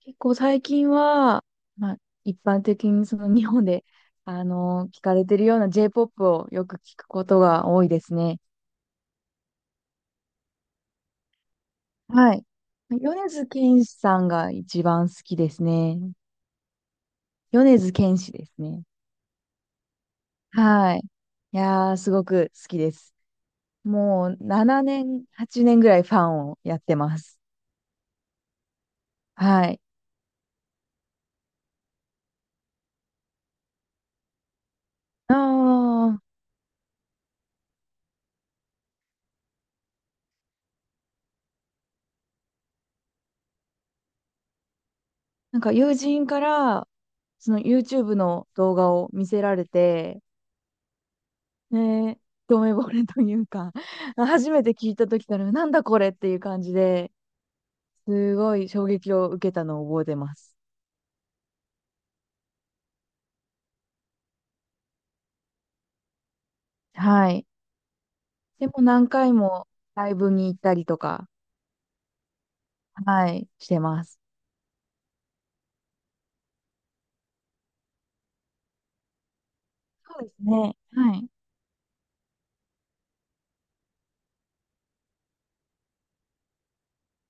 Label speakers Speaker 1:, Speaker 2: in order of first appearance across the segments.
Speaker 1: 結構最近は、まあ、一般的にその日本で、あの聞かれてるような J-POP をよく聞くことが多いですね。はい。米津玄師さんが一番好きですね。米津玄師ですね。はい。いやー、すごく好きです。もう7年、8年ぐらいファンをやってます。はい。ああ、なんか友人から、その YouTube の動画を見せられて、ねえ、一目惚れというか、初めて聞いた時から、なんだこれっていう感じで、すごい衝撃を受けたのを覚えてます。はい。でも何回もライブに行ったりとか、はい、してます。そうですね。はい。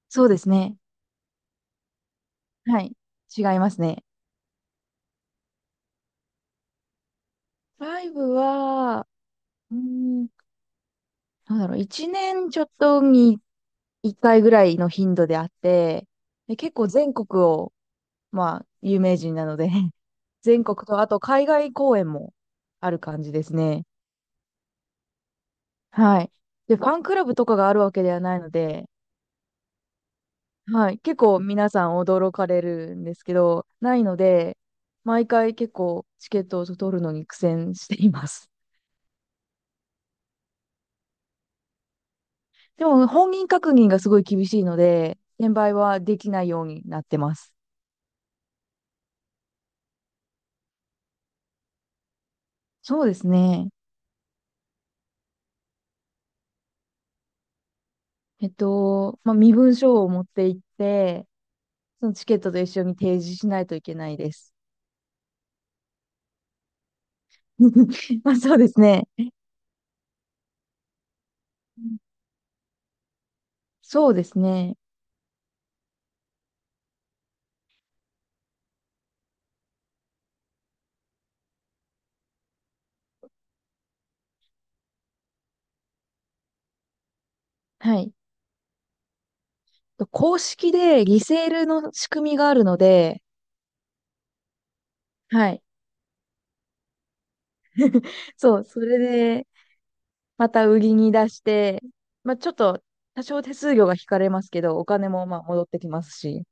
Speaker 1: そうですね。はい。違いますね。ライブは、うーん、なんだろう、一年ちょっとに一回ぐらいの頻度であって、で結構全国を、まあ、有名人なので 全国と、あと海外公演もある感じですね。はい。で、ファンクラブとかがあるわけではないので、はい。結構皆さん驚かれるんですけど、ないので、毎回結構チケットを取るのに苦戦しています。でも、本人確認がすごい厳しいので、転売はできないようになってます。そうですね。まあ、身分証を持って行って、そのチケットと一緒に提示しないといけないです。まあ、そうですね。そうですね。はい。公式でリセールの仕組みがあるので、はい。そう、それで、また売りに出して、まあ、ちょっと、多少手数料が引かれますけど、お金もまあ戻ってきますし。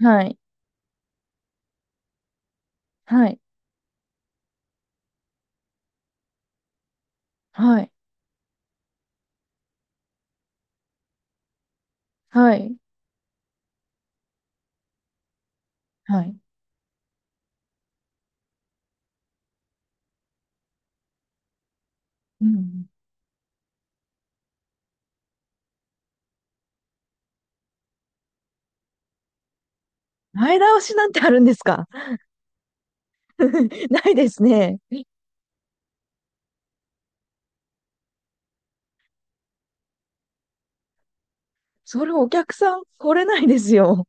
Speaker 1: はい。はい。はい。はい。はい。うん。前倒しなんてあるんですか？ ないですね。それお客さん来れないですよ。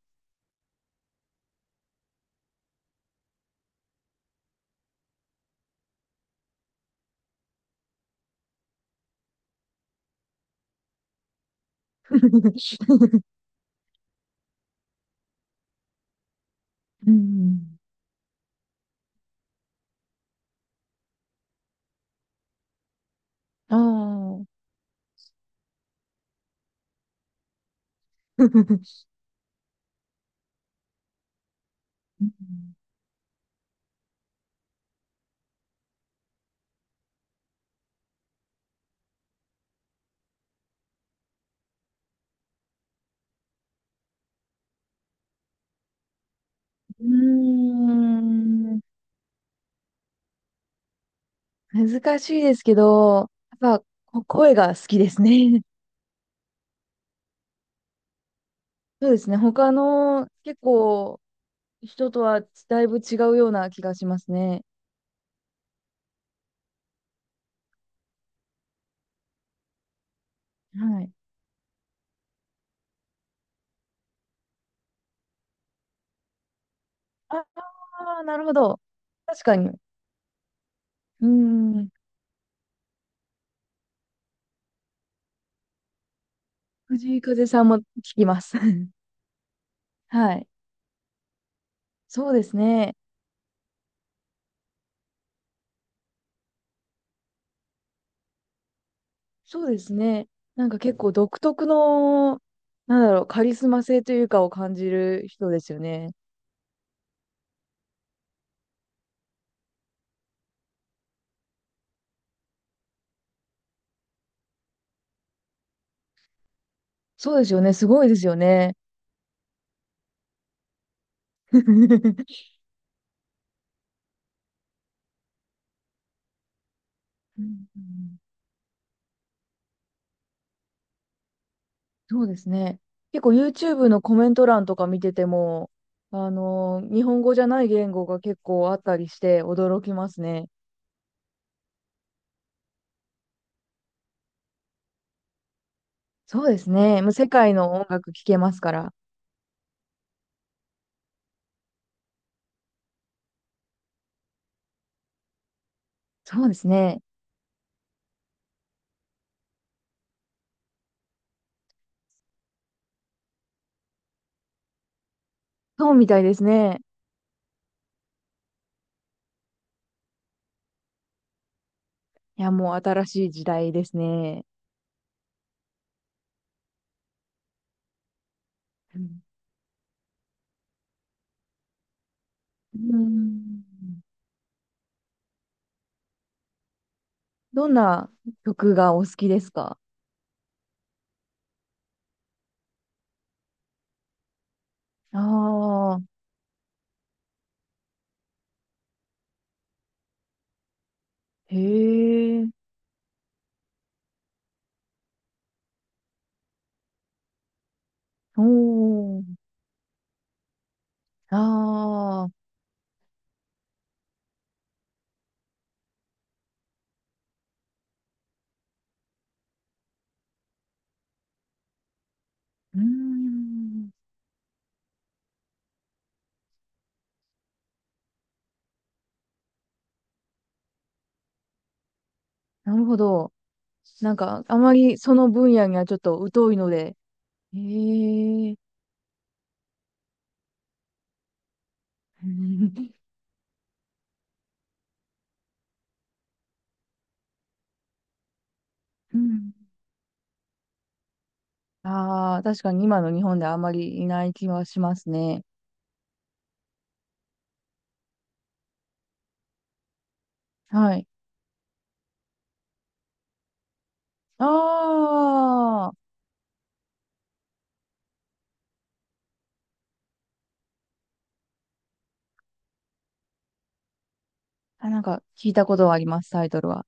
Speaker 1: うん。ああ。うーん、難しいですけど、やっぱこ声が好きですね。そうですね。他の結構人とはだいぶ違うような気がしますね。はい。ああ、なるほど。確かに。うん。藤井風さんも聞きます。はい。そうですね。そうですね。なんか結構独特の、なんだろう、カリスマ性というかを感じる人ですよね。そうですよね。すごいですよね。うんうん、そうですね。結構 YouTube のコメント欄とか見てても、日本語じゃない言語が結構あったりして驚きますね。そうですね。もう世界の音楽聴けますから。そうですね。そうみたいですね。いや、もう新しい時代ですね。うんうん、どんな曲がお好きですか？ああー、へえ、おー、ああ、うーん、なるほど。なんか、あまりその分野にはちょっと疎いので。へえ。うん。ああー、確かに今の日本ではあまりいない気はしますね。はい。あーあ、なんか聞いたことはあります、タイトルは。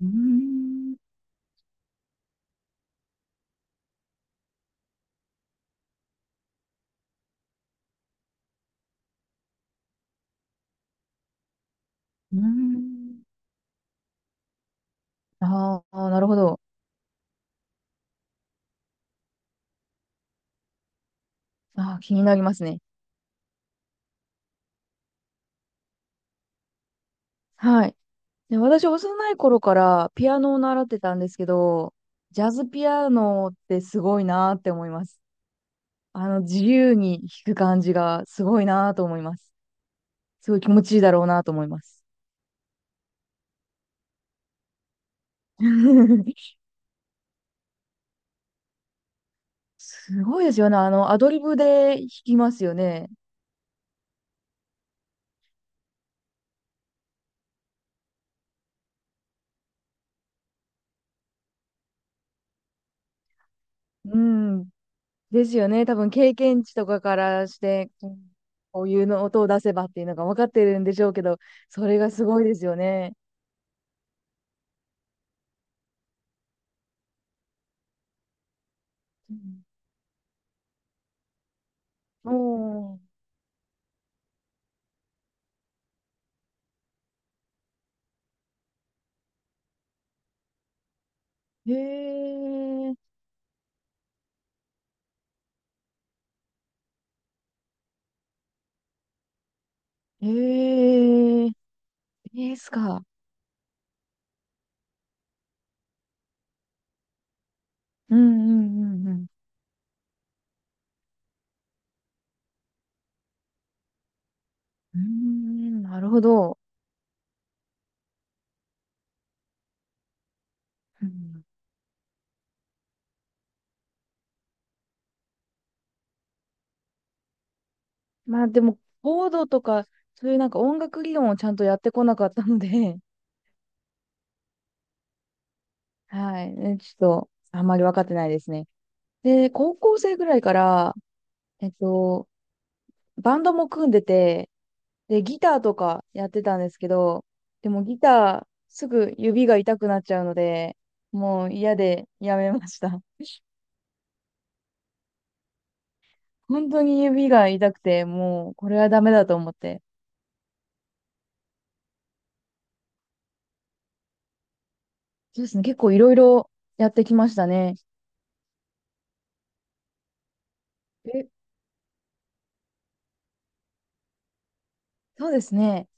Speaker 1: うーん。うーん。ああ、なるほど。ああ、気になりますね。はい。で、私、幼い頃からピアノを習ってたんですけど、ジャズピアノってすごいなーって思います。自由に弾く感じがすごいなと思います。すごい気持ちいいだろうなと思います。すごいですよね。アドリブで弾きますよね。うん。ですよね。多分経験値とかからして、こうこういうの音を出せばっていうのが分かってるんでしょうけど、それがすごいですよね。うん。おー、へえ、へえ、ですか。うんうんうんうん。うーん、なるほど。うん、まあでも、コードとか、そういうなんか音楽理論をちゃんとやってこなかったので、はい、ねちょっと、あんまり分かってないですね。で、高校生ぐらいから、えっと、バンドも組んでて、で、ギターとかやってたんですけど、でもギター、すぐ指が痛くなっちゃうので、もう嫌でやめました。本当に指が痛くて、もうこれはダメだと思って。そうですね、結構いろいろやってきましたね。え、そうですね。